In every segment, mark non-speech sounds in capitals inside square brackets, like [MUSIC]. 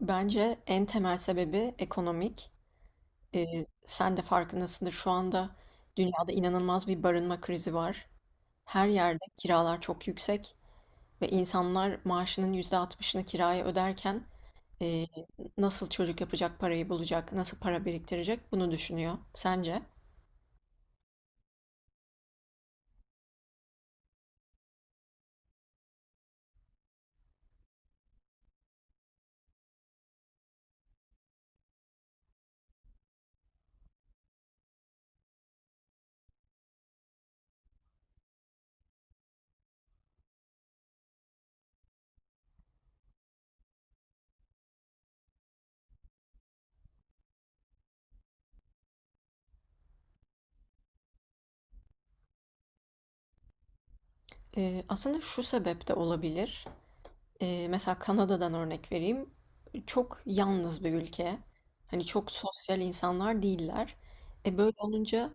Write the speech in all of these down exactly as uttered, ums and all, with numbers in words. Bence en temel sebebi ekonomik. Ee, sen de farkındasındır. Şu anda dünyada inanılmaz bir barınma krizi var. Her yerde kiralar çok yüksek ve insanlar maaşının yüzde altmışını kiraya öderken e, nasıl çocuk yapacak parayı bulacak, nasıl para biriktirecek bunu düşünüyor. Sence? Ee, aslında şu sebep de olabilir. Ee, mesela Kanada'dan örnek vereyim. Çok yalnız bir ülke. Hani çok sosyal insanlar değiller. E böyle olunca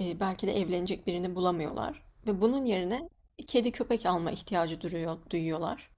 e, belki de evlenecek birini bulamıyorlar ve bunun yerine kedi köpek alma ihtiyacı duruyor, duyuyorlar.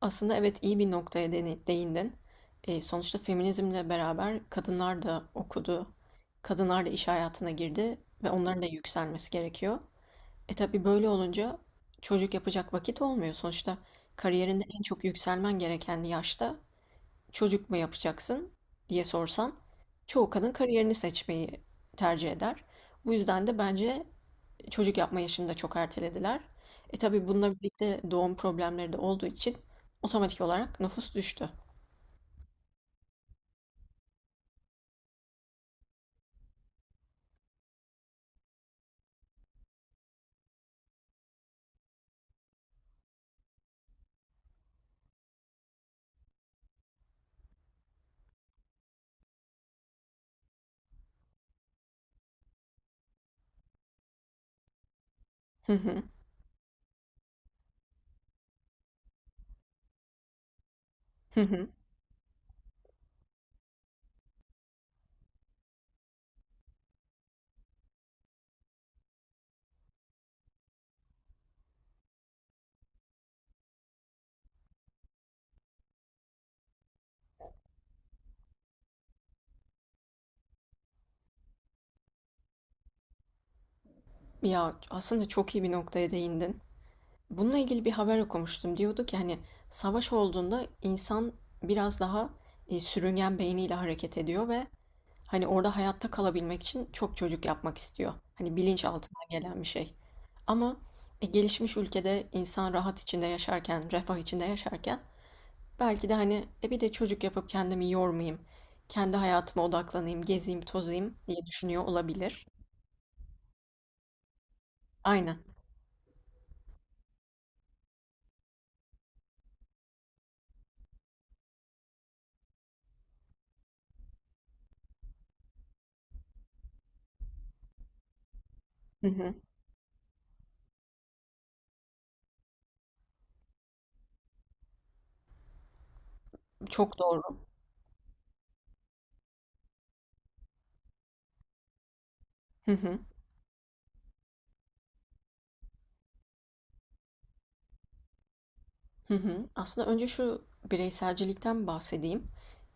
Aslında evet iyi bir noktaya deni- değindin. E, sonuçta feminizmle beraber kadınlar da okudu, kadınlar da iş hayatına girdi ve onların da yükselmesi gerekiyor. E tabii böyle olunca çocuk yapacak vakit olmuyor. Sonuçta kariyerinde en çok yükselmen gereken yaşta çocuk mu yapacaksın diye sorsan çoğu kadın kariyerini seçmeyi tercih eder. Bu yüzden de bence çocuk yapma yaşını da çok ertelediler. E tabii bununla birlikte doğum problemleri de olduğu için otomatik olarak nüfus düştü. Hı hı, hı hı. Ya aslında çok iyi bir noktaya değindin. Bununla ilgili bir haber okumuştum. Diyordu ki hani savaş olduğunda insan biraz daha e, sürüngen beyniyle hareket ediyor ve hani orada hayatta kalabilmek için çok çocuk yapmak istiyor. Hani bilinç altından gelen bir şey. Ama e, gelişmiş ülkede insan rahat içinde yaşarken, refah içinde yaşarken belki de hani e bir de çocuk yapıp kendimi yormayayım, kendi hayatıma odaklanayım, gezeyim, tozayım diye düşünüyor olabilir. Aynen. Hı hı. Çok doğru. Hı hı. Hı hı. Aslında önce şu bireyselcilikten bahsedeyim.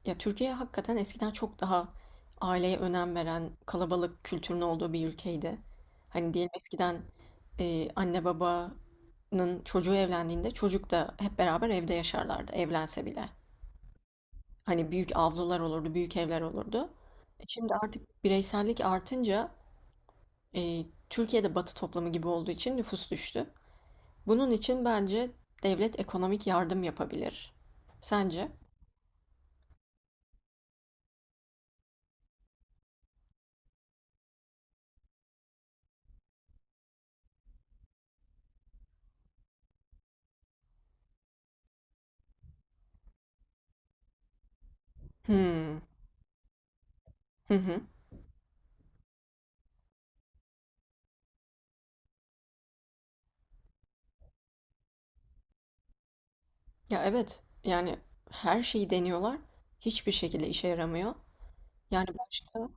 Ya Türkiye hakikaten eskiden çok daha aileye önem veren kalabalık kültürün olduğu bir ülkeydi. Hani diyelim eskiden e, anne babanın çocuğu evlendiğinde çocuk da hep beraber evde yaşarlardı evlense bile. Hani büyük avlular olurdu, büyük evler olurdu. E Şimdi artık bireysellik artınca e, Türkiye'de Batı toplumu gibi olduğu için nüfus düştü. Bunun için bence devlet ekonomik yardım yapabilir. Sence? Hmm. Hı hı. Ya evet. Yani her şeyi deniyorlar. Hiçbir şekilde işe yaramıyor. Yani başka...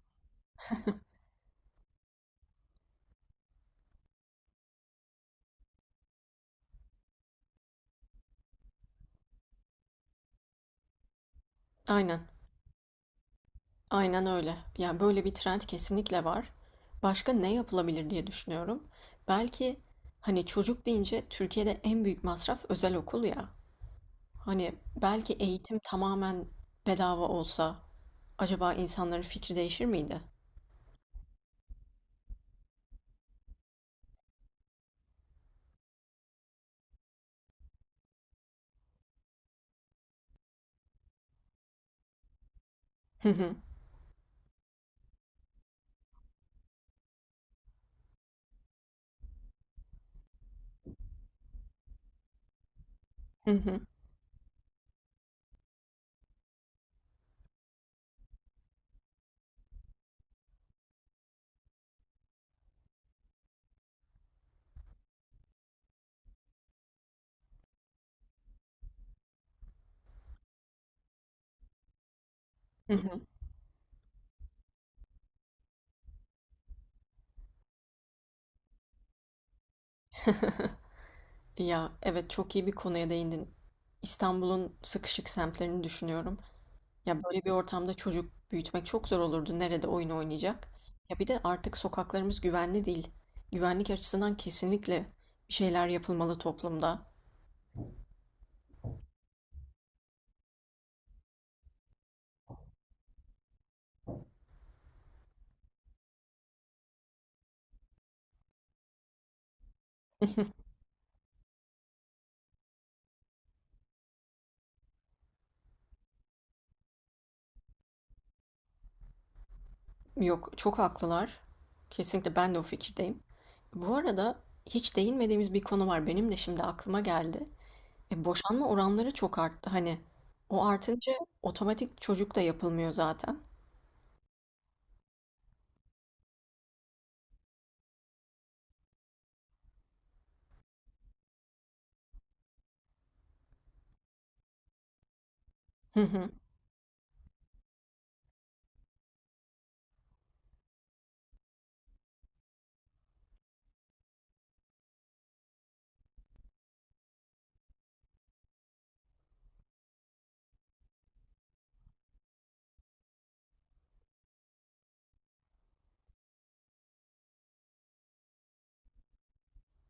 Aynen. Aynen öyle. Yani böyle bir trend kesinlikle var. Başka ne yapılabilir diye düşünüyorum. Belki hani çocuk deyince Türkiye'de en büyük masraf özel okul ya. Hani belki eğitim tamamen bedava olsa acaba insanların fikri değişir miydi? Hı hı, hı hı, hı hı. [LAUGHS] Ya evet çok iyi bir konuya değindin. İstanbul'un sıkışık semtlerini düşünüyorum. Ya böyle bir ortamda çocuk büyütmek çok zor olurdu. Nerede oyun oynayacak? Ya bir de artık sokaklarımız güvenli değil. Güvenlik açısından kesinlikle bir şeyler yapılmalı toplumda. Yok, çok haklılar. Kesinlikle ben de o fikirdeyim. Bu arada hiç değinmediğimiz bir konu var. Benim de şimdi aklıma geldi. E, boşanma oranları çok arttı. Hani o artınca otomatik çocuk da yapılmıyor zaten. Hı hı.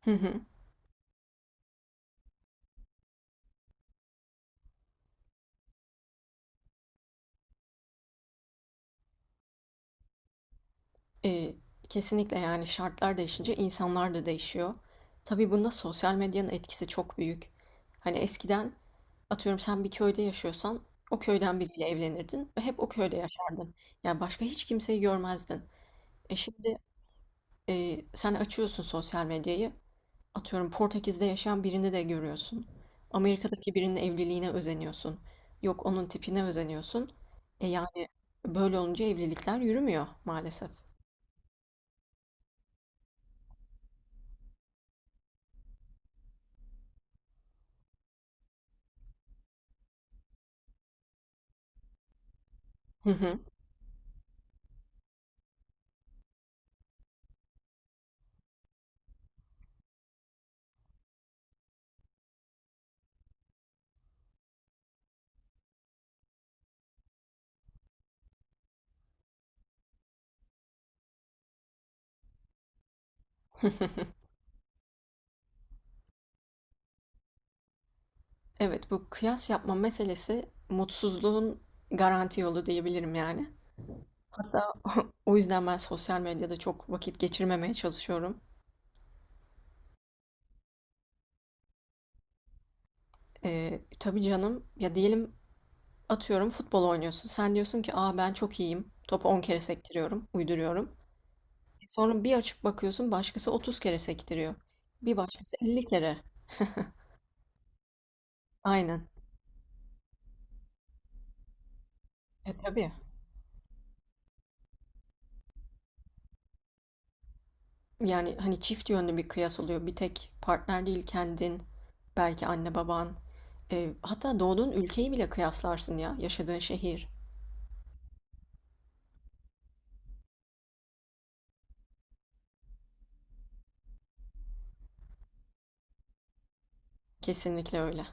Hı hı. Eee, kesinlikle yani şartlar değişince insanlar da değişiyor. Tabii bunda sosyal medyanın etkisi çok büyük. Hani eskiden atıyorum sen bir köyde yaşıyorsan o köyden biriyle evlenirdin ve hep o köyde yaşardın. Yani başka hiç kimseyi görmezdin. E şimdi e, sen açıyorsun sosyal medyayı. Atıyorum Portekiz'de yaşayan birini de görüyorsun. Amerika'daki birinin evliliğine özeniyorsun. Yok onun tipine özeniyorsun. E yani böyle olunca evlilikler yürümüyor maalesef. Hı hı. Evet, bu kıyas yapma meselesi mutsuzluğun garanti yolu diyebilirim yani. Hatta [LAUGHS] o yüzden ben sosyal medyada çok vakit geçirmemeye çalışıyorum. Ee, tabii canım ya diyelim atıyorum futbol oynuyorsun. Sen diyorsun ki aa ben çok iyiyim. Topu on kere sektiriyorum, uyduruyorum. Sonra bir açıp bakıyorsun başkası otuz kere sektiriyor. Bir başkası elli kere. [LAUGHS] Aynen. E tabii. Yani hani çift yönlü bir kıyas oluyor. Bir tek partner değil kendin, belki anne baban, Eee, hatta doğduğun ülkeyi bile kıyaslarsın ya, yaşadığın şehir. Kesinlikle öyle.